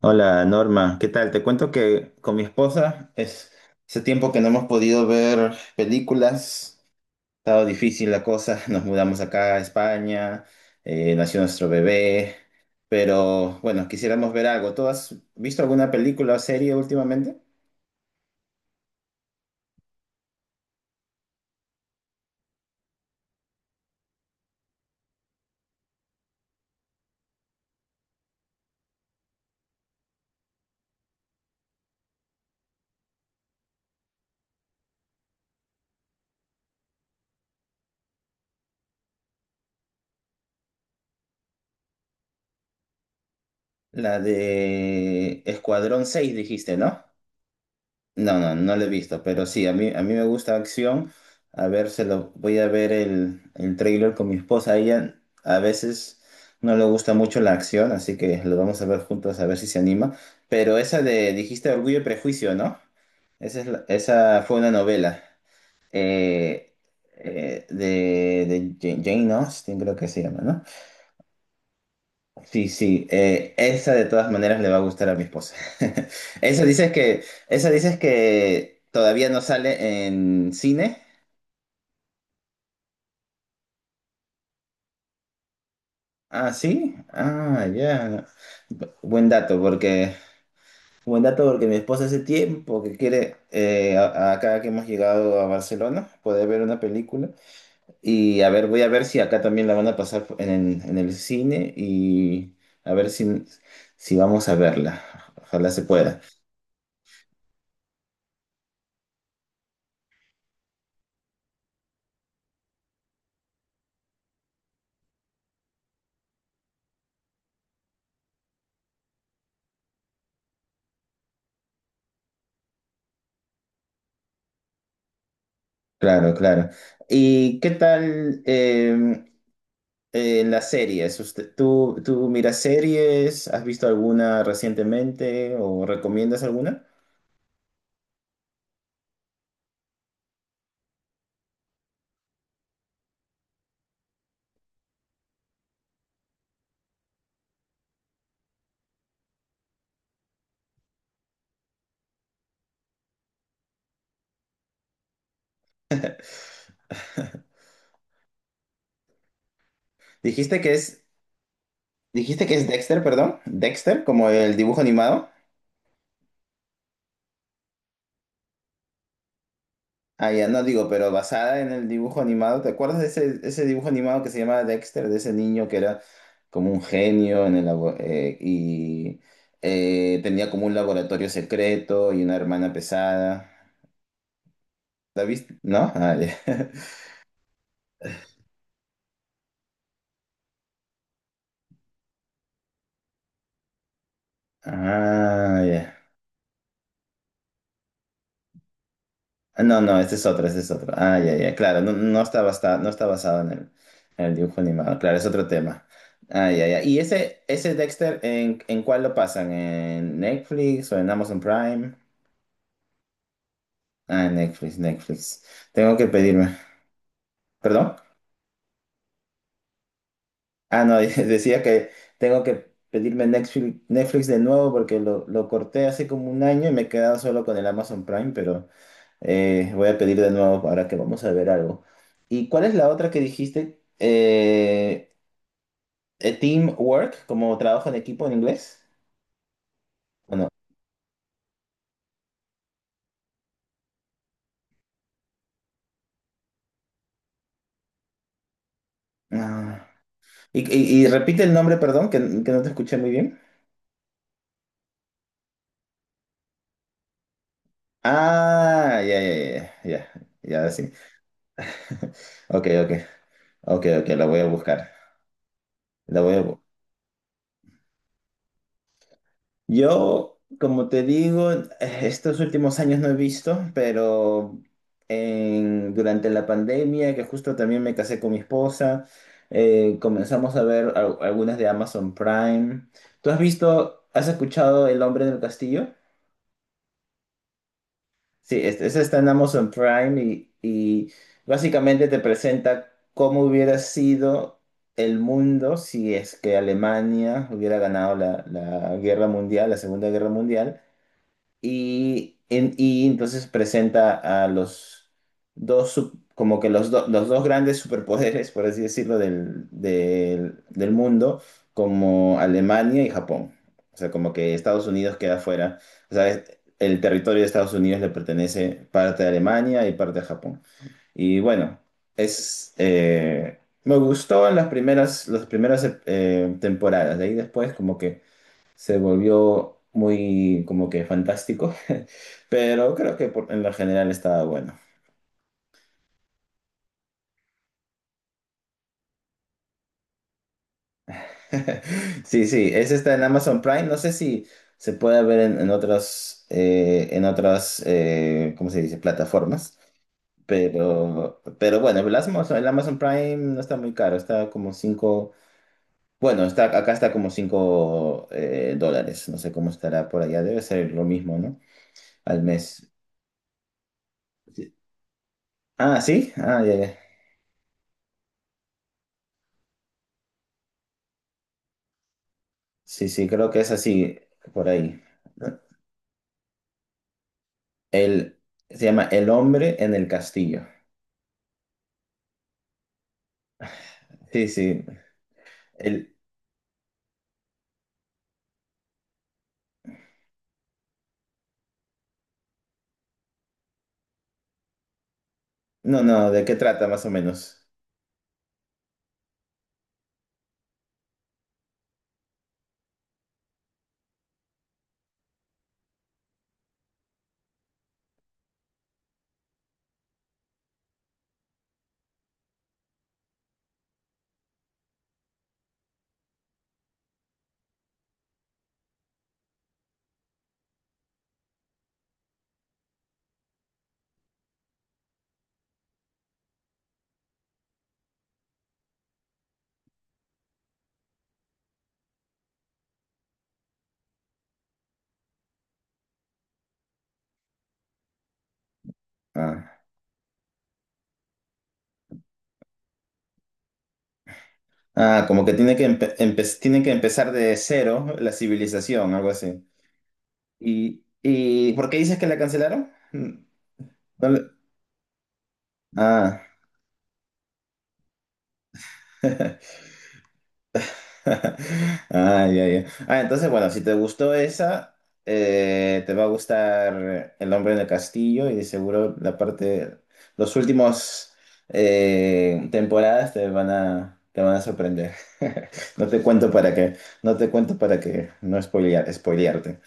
Hola Norma, ¿qué tal? Te cuento que con mi esposa es hace tiempo que no hemos podido ver películas, ha estado difícil la cosa, nos mudamos acá a España, nació nuestro bebé, pero bueno, quisiéramos ver algo. ¿Tú has visto alguna película o serie últimamente? La de Escuadrón 6 dijiste, ¿no? No, no, no lo he visto, pero sí, a mí me gusta acción. A ver, se lo voy a ver el trailer con mi esposa. A ella a veces no le gusta mucho la acción, así que lo vamos a ver juntos a ver si se anima. Pero dijiste Orgullo y Prejuicio, ¿no? Esa fue una novela eh, de Jane Austen, creo que se llama, ¿no? Sí, sí, esa de todas maneras le va a gustar a mi esposa. Esa dices que, esa dices que todavía no sale en cine. Ah, sí. Ah, ya. Bu- Buen dato, porque buen dato porque mi esposa hace tiempo que quiere acá que hemos llegado a Barcelona poder ver una película y a ver, voy a ver si acá también la van a pasar en el cine y a ver si vamos a verla. Ojalá se pueda. Claro, claro. ¿Y qué tal las series? ¿Tú miras series? ¿Has visto alguna recientemente o recomiendas alguna? Dijiste que es, dijiste que es Dexter, perdón. Dexter, como el dibujo animado. Ah, ya no digo, pero basada en el dibujo animado. ¿Te acuerdas de ese dibujo animado que se llamaba Dexter, de ese niño que era como un genio en el y tenía como un laboratorio secreto y una hermana pesada? ¿La viste? ¿No? Ah, ya. Ah, ya. Ah, no, no, este es otro, este es otro. Ah, ya, ya, claro, no, no está no está basado en el dibujo animado, claro, es otro tema. Ah, ya, ya. ¿Y ese Dexter, en cuál lo pasan? ¿En Netflix o en Amazon Prime? Ah, en Netflix, Netflix. Tengo que pedirme. ¿Perdón? Ah, no, decía que tengo que pedirme Netflix, Netflix de nuevo porque lo corté hace como un año y me he quedado solo con el Amazon Prime, pero... voy a pedir de nuevo ahora que vamos a ver algo. ¿Y cuál es la otra que dijiste? Teamwork, como trabajo en equipo en inglés. Bueno, ah. Y repite el nombre, perdón, que no te escuché muy bien. Ah, ya, ya, ya, ya, ya, ya, sí. Ok, ok, ok, ok, la voy a buscar. La voy a, bu- Yo, como te digo, estos últimos años no he visto, pero durante la pandemia, que justo también me casé con mi esposa, comenzamos a ver algunas de Amazon Prime. ¿Tú has visto, has escuchado El hombre del castillo? Sí, esa está en Amazon Prime y básicamente te presenta cómo hubiera sido el mundo si es que Alemania hubiera ganado la guerra mundial, la Segunda Guerra Mundial y, y entonces presenta a los como que los dos grandes superpoderes, por así decirlo, del mundo, como Alemania y Japón. O sea, como que Estados Unidos queda fuera. O sea, el territorio de Estados Unidos le pertenece parte a Alemania y parte a Japón. Y bueno, me gustó en las primeras temporadas. De ahí después, como que se volvió muy como que fantástico, pero creo que en lo general estaba bueno. Sí, sí, ese está en Amazon Prime, no sé si se puede ver en otras, ¿cómo se dice?, plataformas, pero, bueno, el Amazon Prime no está muy caro, está como 5 bueno, está, acá está como 5 dólares, no sé cómo estará por allá, debe ser lo mismo, ¿no? Al mes. Sí. Ah, sí, ah, ya, ya. Sí, sí, creo que es así, por ahí. ¿No? El, se llama El hombre en el castillo. Sí, sí. El, no, no, ¿de qué trata más o menos? Ah, ah, como que tiene que, empezar de cero la civilización, algo así. ¿Y por qué dices que la cancelaron? Mm, No le- ah. Ah, ya, ya. Ah, entonces, bueno, si te gustó esa, te va a gustar El hombre en el castillo y de seguro los últimos temporadas te van a sorprender. No te cuento para que, no te cuento para que no spoilearte.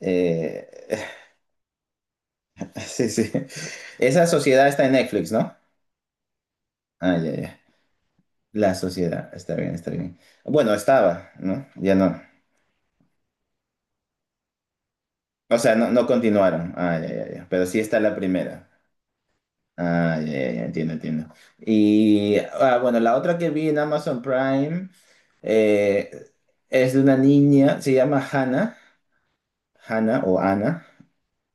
Eh, sí, sí. Esa sociedad está en Netflix, ¿no? Ah, ya, ya. La sociedad, está bien, está bien. Bueno, estaba, ¿no? Ya no. O sea, no, no continuaron. Ah, ya, ya, ya. Pero sí está la primera. Ah, ya, ya, ya, entiendo, entiendo. Y ah, bueno, la otra que vi en Amazon Prime eh, es de una niña, se llama Hannah, Hannah o Ana,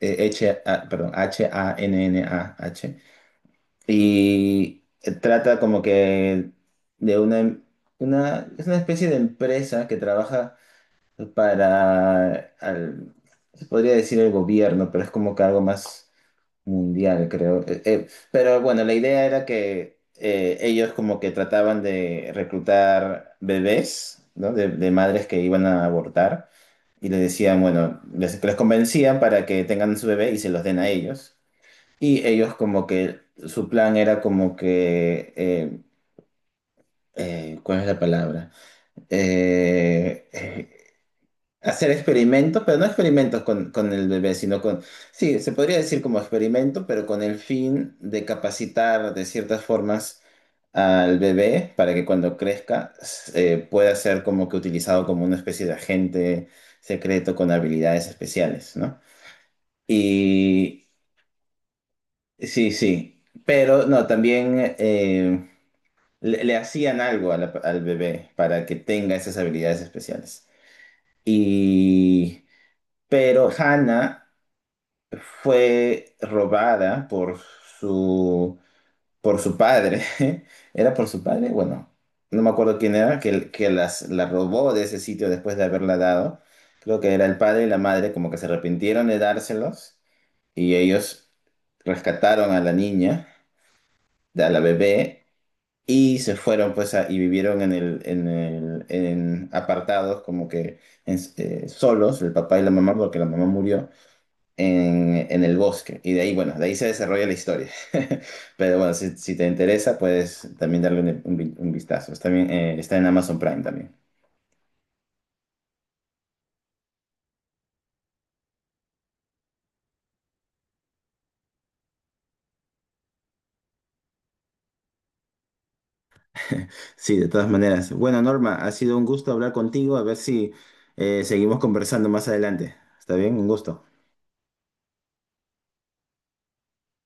H, A, perdón, Hannah. Y trata como que de una, es una especie de empresa que trabaja para, se podría decir el gobierno, pero es como que algo más mundial, creo. Pero bueno, la idea era que ellos como que trataban de reclutar bebés, ¿no? De madres que iban a abortar y les decían, bueno, les convencían para que tengan su bebé y se los den a ellos. Y ellos como que su plan era como que, ¿cuál es la palabra? Eh, eh, hacer experimentos, pero no experimentos con el bebé, sino con, sí, se podría decir como experimento, pero con el fin de capacitar de ciertas formas al bebé para que cuando crezca pueda ser como que utilizado como una especie de agente secreto con habilidades especiales, ¿no? Y sí, sí, pero no, también le hacían algo a al bebé para que tenga esas habilidades especiales. Y, pero Hannah fue robada por su, su padre. ¿Era por su padre? Bueno, no me acuerdo quién era, que la robó de ese sitio después de haberla dado. Creo que era el padre y la madre, como que se arrepintieron de dárselos y ellos rescataron a la niña, a la bebé, y se fueron pues y vivieron en apartados, como que solos, el papá y la mamá, porque la mamá murió en el bosque. Y de ahí, bueno, de ahí se desarrolla la historia. Pero bueno, si te interesa, puedes también darle un vistazo. Está bien, está en Amazon Prime también. Sí, de todas maneras. Bueno, Norma, ha sido un gusto hablar contigo. A ver si seguimos conversando más adelante. ¿Está bien? Un gusto.